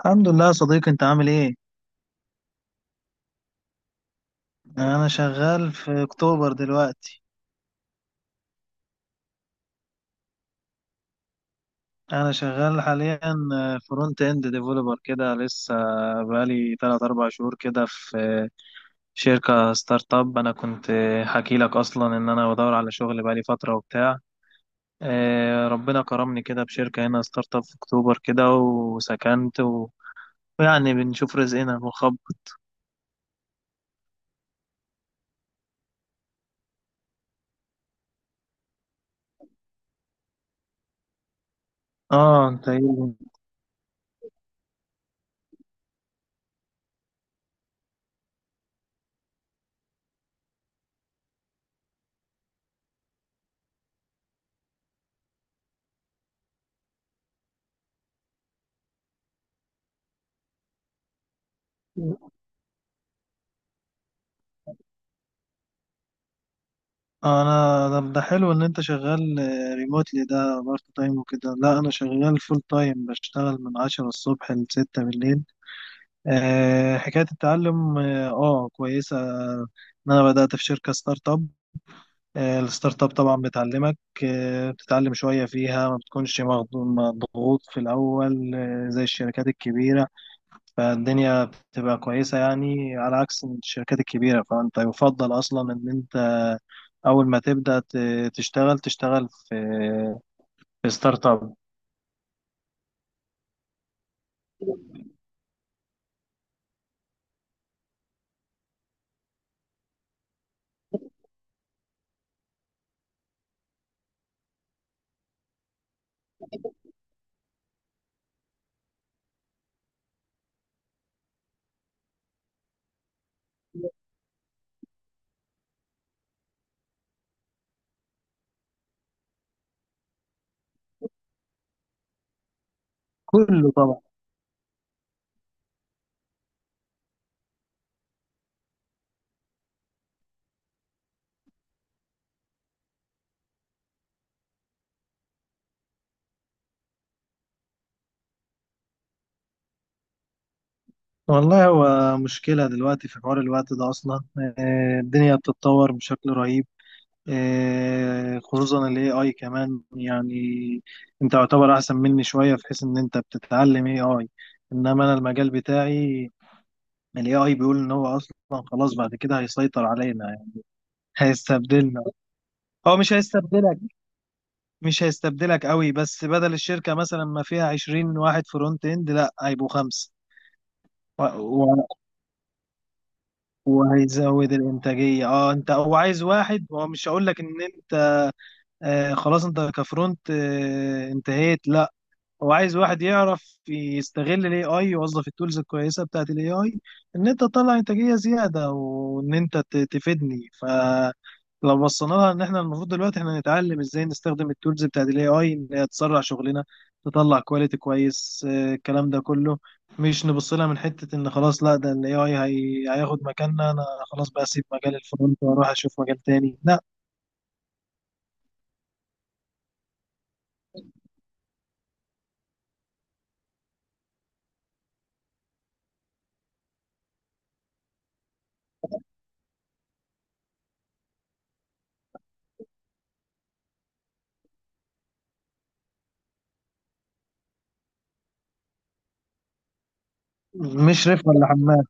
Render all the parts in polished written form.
الحمد لله يا صديقي، انت عامل ايه؟ انا شغال في اكتوبر دلوقتي. انا شغال حاليا فرونت اند ديفلوبر كده لسه، بقالي 3 4 شهور كده في شركة ستارت اب. انا كنت حكي لك اصلا ان انا بدور على شغل بقالي فترة وبتاع. اه، ربنا كرمني كده بشركة هنا ستارت اب في اكتوبر كده وسكنت ويعني بنشوف رزقنا بنخبط. اه انت ايه؟ انا طب ده حلو ان انت شغال ريموتلي ده بارت تايم وكده. لا انا شغال فول تايم بشتغل من عشرة الصبح لستة بالليل. أه حكاية التعلم اه، كويسة ان انا بدأت في شركة ستارت اب. الستارت اب طبعا بتعلمك. بتتعلم شوية فيها، ما بتكونش مضغوط في الاول، زي الشركات الكبيرة. فالدنيا بتبقى كويسة يعني، على عكس الشركات الكبيرة، فأنت يفضل أصلا إن أنت أول ما تبدأ تشتغل في ستارت أب. كله طبعا. والله هو مشكلة دلوقتي في حوار الوقت ده أصلا. الدنيا بتتطور بشكل رهيب. خصوصا ال AI كمان يعني. أنت يعتبر أحسن مني شوية في حيث إن أنت بتتعلم AI، إنما أنا المجال بتاعي ال AI بيقول إن هو أصلا خلاص بعد كده هيسيطر علينا، هيستبدلنا. هو مش هيستبدلك، مش هيستبدلك قوي، بس بدل الشركة مثلا ما فيها 20 واحد فرونت اند، لا هيبقوا خمسة. و... و... وهيزود الإنتاجية. اه، انت هو عايز واحد، هو مش هقول لك ان انت آه خلاص انت كفرونت آه انتهيت، لا. هو عايز واحد يعرف يستغل الاي اي، يوظف التولز الكويسه بتاعت الاي اي ان انت تطلع انتاجيه زياده وان انت تفيدني. فلو بصينا لها، ان احنا المفروض دلوقتي احنا نتعلم ازاي نستخدم التولز بتاعت الاي اي ان هي تسرع شغلنا، تطلع كواليتي كويس. الكلام ده كله، مش نبص لها من حته ان خلاص لا ده الاي اي هياخد مكاننا، انا خلاص بقى اسيب مجال الفرونت واروح اشوف مجال تاني، لا. مشرف ولا حماد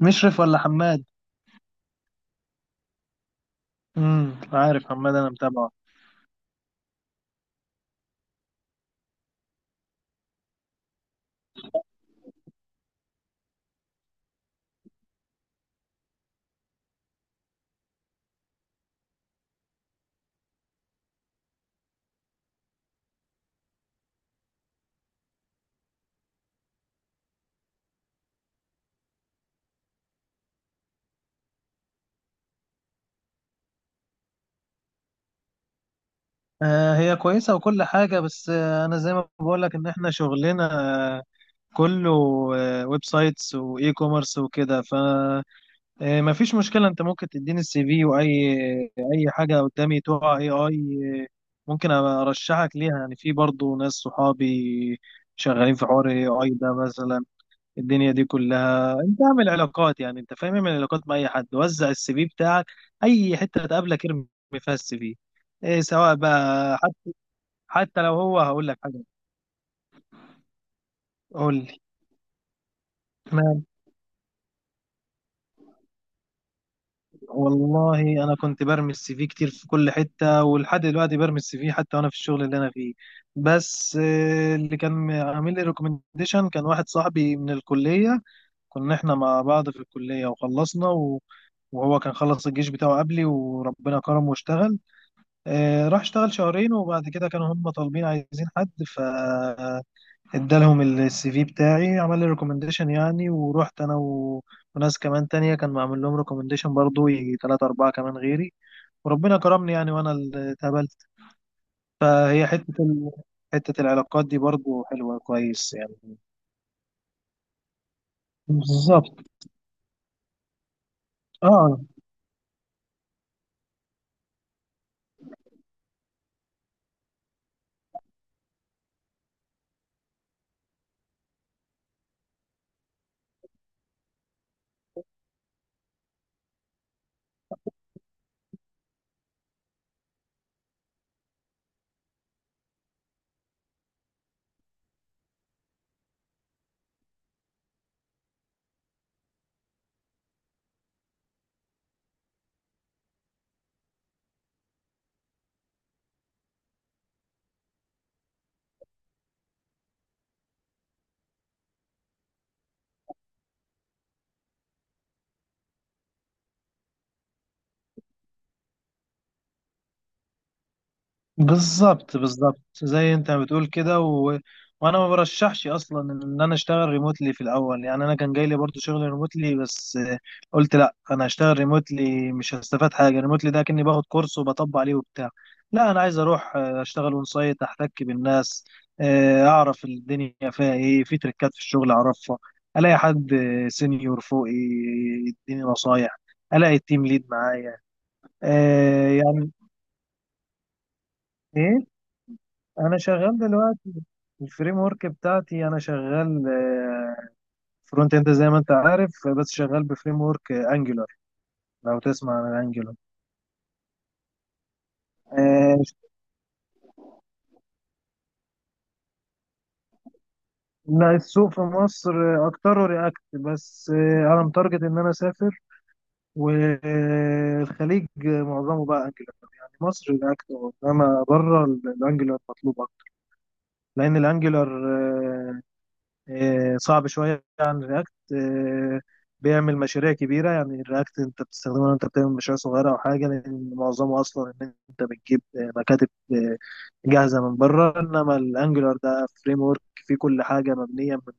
مشرف ولا حماد؟ عارف حماد، انا متابعه. هي كويسة وكل حاجة، بس أنا زي ما بقولك إن إحنا شغلنا آه، كله ويب سايتس وإي كوميرس وكده، فما فيش مشكلة. أنت ممكن تديني السي في، أي حاجة قدامي تقع أي ممكن أبقى أرشحك ليها يعني. في برضو ناس صحابي شغالين في حوار أي أي ده مثلا. الدنيا دي كلها أنت اعمل علاقات، يعني أنت فاهم، اعمل علاقات مع أي حد، وزع السي في بتاعك أي حتة تقابلك ارمي فيها السي في، إيه سواء بقى، حتى لو هو هقول لك حاجه. قول لي. مال. والله انا كنت برمي السي في كتير في كل حته، ولحد دلوقتي برمي السي في حتى وانا في الشغل اللي انا فيه. بس اللي كان عامل لي ريكومنديشن كان واحد صاحبي من الكليه، كنا احنا مع بعض في الكليه وخلصنا وهو كان خلص الجيش بتاعه قبلي، وربنا كرمه واشتغل، راح اشتغل شهرين، وبعد كده كانوا هم طالبين عايزين حد، ادالهم السي في بتاعي عمل لي ريكومنديشن يعني، ورحت انا وناس كمان تانية كان معمل لهم ريكومنديشن برضو، يجي تلاتة أربعة كمان غيري، وربنا كرمني يعني وأنا اللي اتقبلت. فهي حتة ال... حتة العلاقات دي برضو حلوة كويس يعني. بالظبط اه، بالظبط زي انت بتقول كده. وانا ما برشحش اصلا ان انا اشتغل ريموتلي في الاول، يعني انا كان جاي لي برضه شغل ريموتلي، بس قلت لا انا هشتغل ريموتلي مش هستفاد حاجه، ريموتلي ده كاني باخد كورس وبطبق عليه وبتاع. لا انا عايز اروح اشتغل اون سايت احتك بالناس، اعرف الدنيا فيها ايه، في تريكات في الشغل اعرفها، الاقي حد سينيور فوقي يديني نصايح، الاقي التيم ليد معايا. يعني ايه. انا شغال دلوقتي الفريم ورك بتاعتي، انا شغال فرونت اند زي ما انت عارف، بس شغال بفريم ورك انجولار. لو تسمع عن انجولار. لا، السوق في مصر اكتره رياكت، بس انا متارجت ان انا اسافر، والخليج معظمه بقى انجولار يعني، مصر رياكت انما بره الانجولار مطلوب اكتر، لان الانجولار صعب شويه عن رياكت، بيعمل مشاريع كبيره يعني. الرياكت انت بتستخدمه، انت بتعمل مشاريع صغيره او حاجه، لان معظمه اصلا ان انت بتجيب مكاتب جاهزه من بره. انما الانجلر ده فريم ورك فيه كل حاجه مبنيه من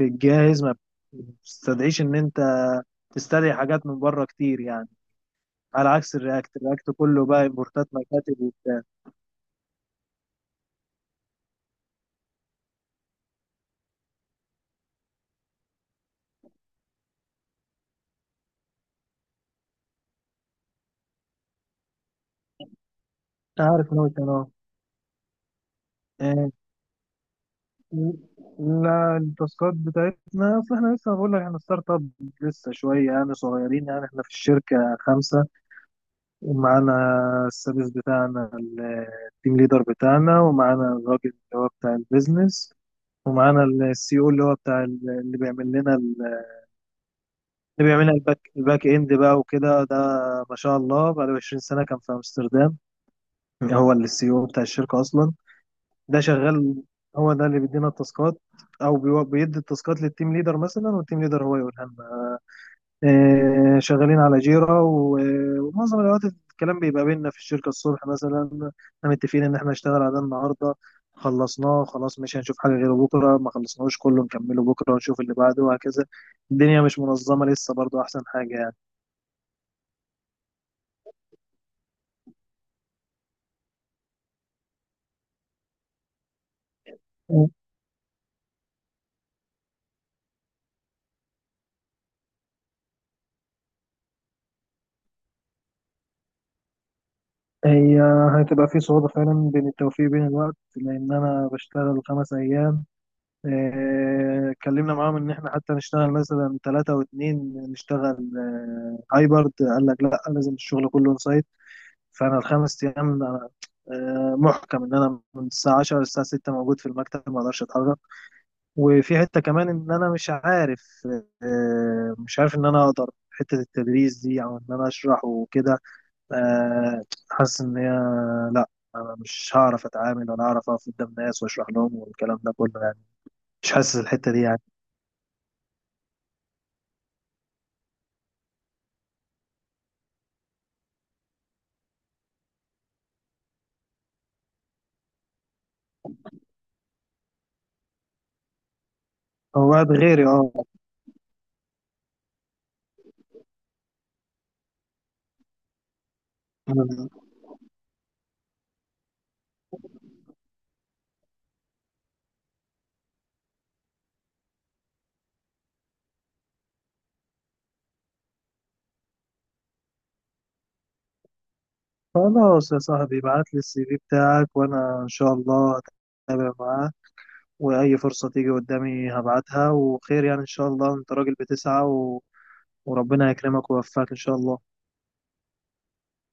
الجاهز، ما بتستدعيش ان انت تستدعي حاجات من بره كتير يعني، على عكس الرياكت. الرياكت كله بقى امبورتات مكاتب وبتاع. أنا عارف نوت. انا لا، التاسكات بتاعتنا، اصل احنا لسه بقول لك احنا ستارت اب، لسه شويه يعني صغيرين يعني. احنا في الشركه خمسه، ومعانا السادس بتاعنا التيم ليدر بتاعنا، ومعانا الراجل اللي هو بتاع البيزنس، ومعانا السي او اللي هو بتاع اللي بيعمل لنا اللي بيعمل لنا الباك اند بقى وكده. ده ما شاء الله بقى له 20 سنه كان في امستردام، هو السي او بتاع الشركه اصلا. ده شغال. هو ده اللي بيدينا التاسكات، او بيدي التاسكات للتيم ليدر مثلا، والتيم ليدر هو يقولها لنا. شغالين على جيرا ومعظم الوقت الكلام بيبقى بيننا في الشركة. الصبح مثلا احنا متفقين ان احنا نشتغل على ده النهارده، خلصناه خلاص مش هنشوف حاجة غيره، بكرة ما خلصناهوش كله نكمله بكرة ونشوف اللي بعده وهكذا. الدنيا مش منظمة لسه، برضو أحسن حاجة يعني. هي هتبقى في صعوبة فعلا بين التوفيق بين الوقت، لأن أنا بشتغل 5 أيام. اتكلمنا معاهم ان احنا حتى نشتغل مثلا 3 واتنين نشتغل، هايبرد، قال لك لا لازم الشغل كله اون سايت. فانا ال 5 ايام أنا، محكم ان انا من الساعة 10 للساعة 6 موجود في المكتب، ما اقدرش اتحرك. وفي حتة كمان ان انا مش عارف، مش عارف ان انا اقدر حتة التدريس دي، او ان انا اشرح وكده. آه، حاسس ان هي لا، انا مش هعرف اتعامل ولا هعرف اقف قدام ناس واشرح لهم والكلام ده كله يعني، مش حاسس الحتة دي يعني. هو قاعد غيري اه. خلاص يا صاحبي، ابعت لي السي في بتاعك وانا ان شاء الله هتابع معاه، واي فرصة تيجي قدامي هبعتها، وخير يعني، ان شاء الله انت راجل بتسعى وربنا يكرمك ويوفقك ان شاء الله.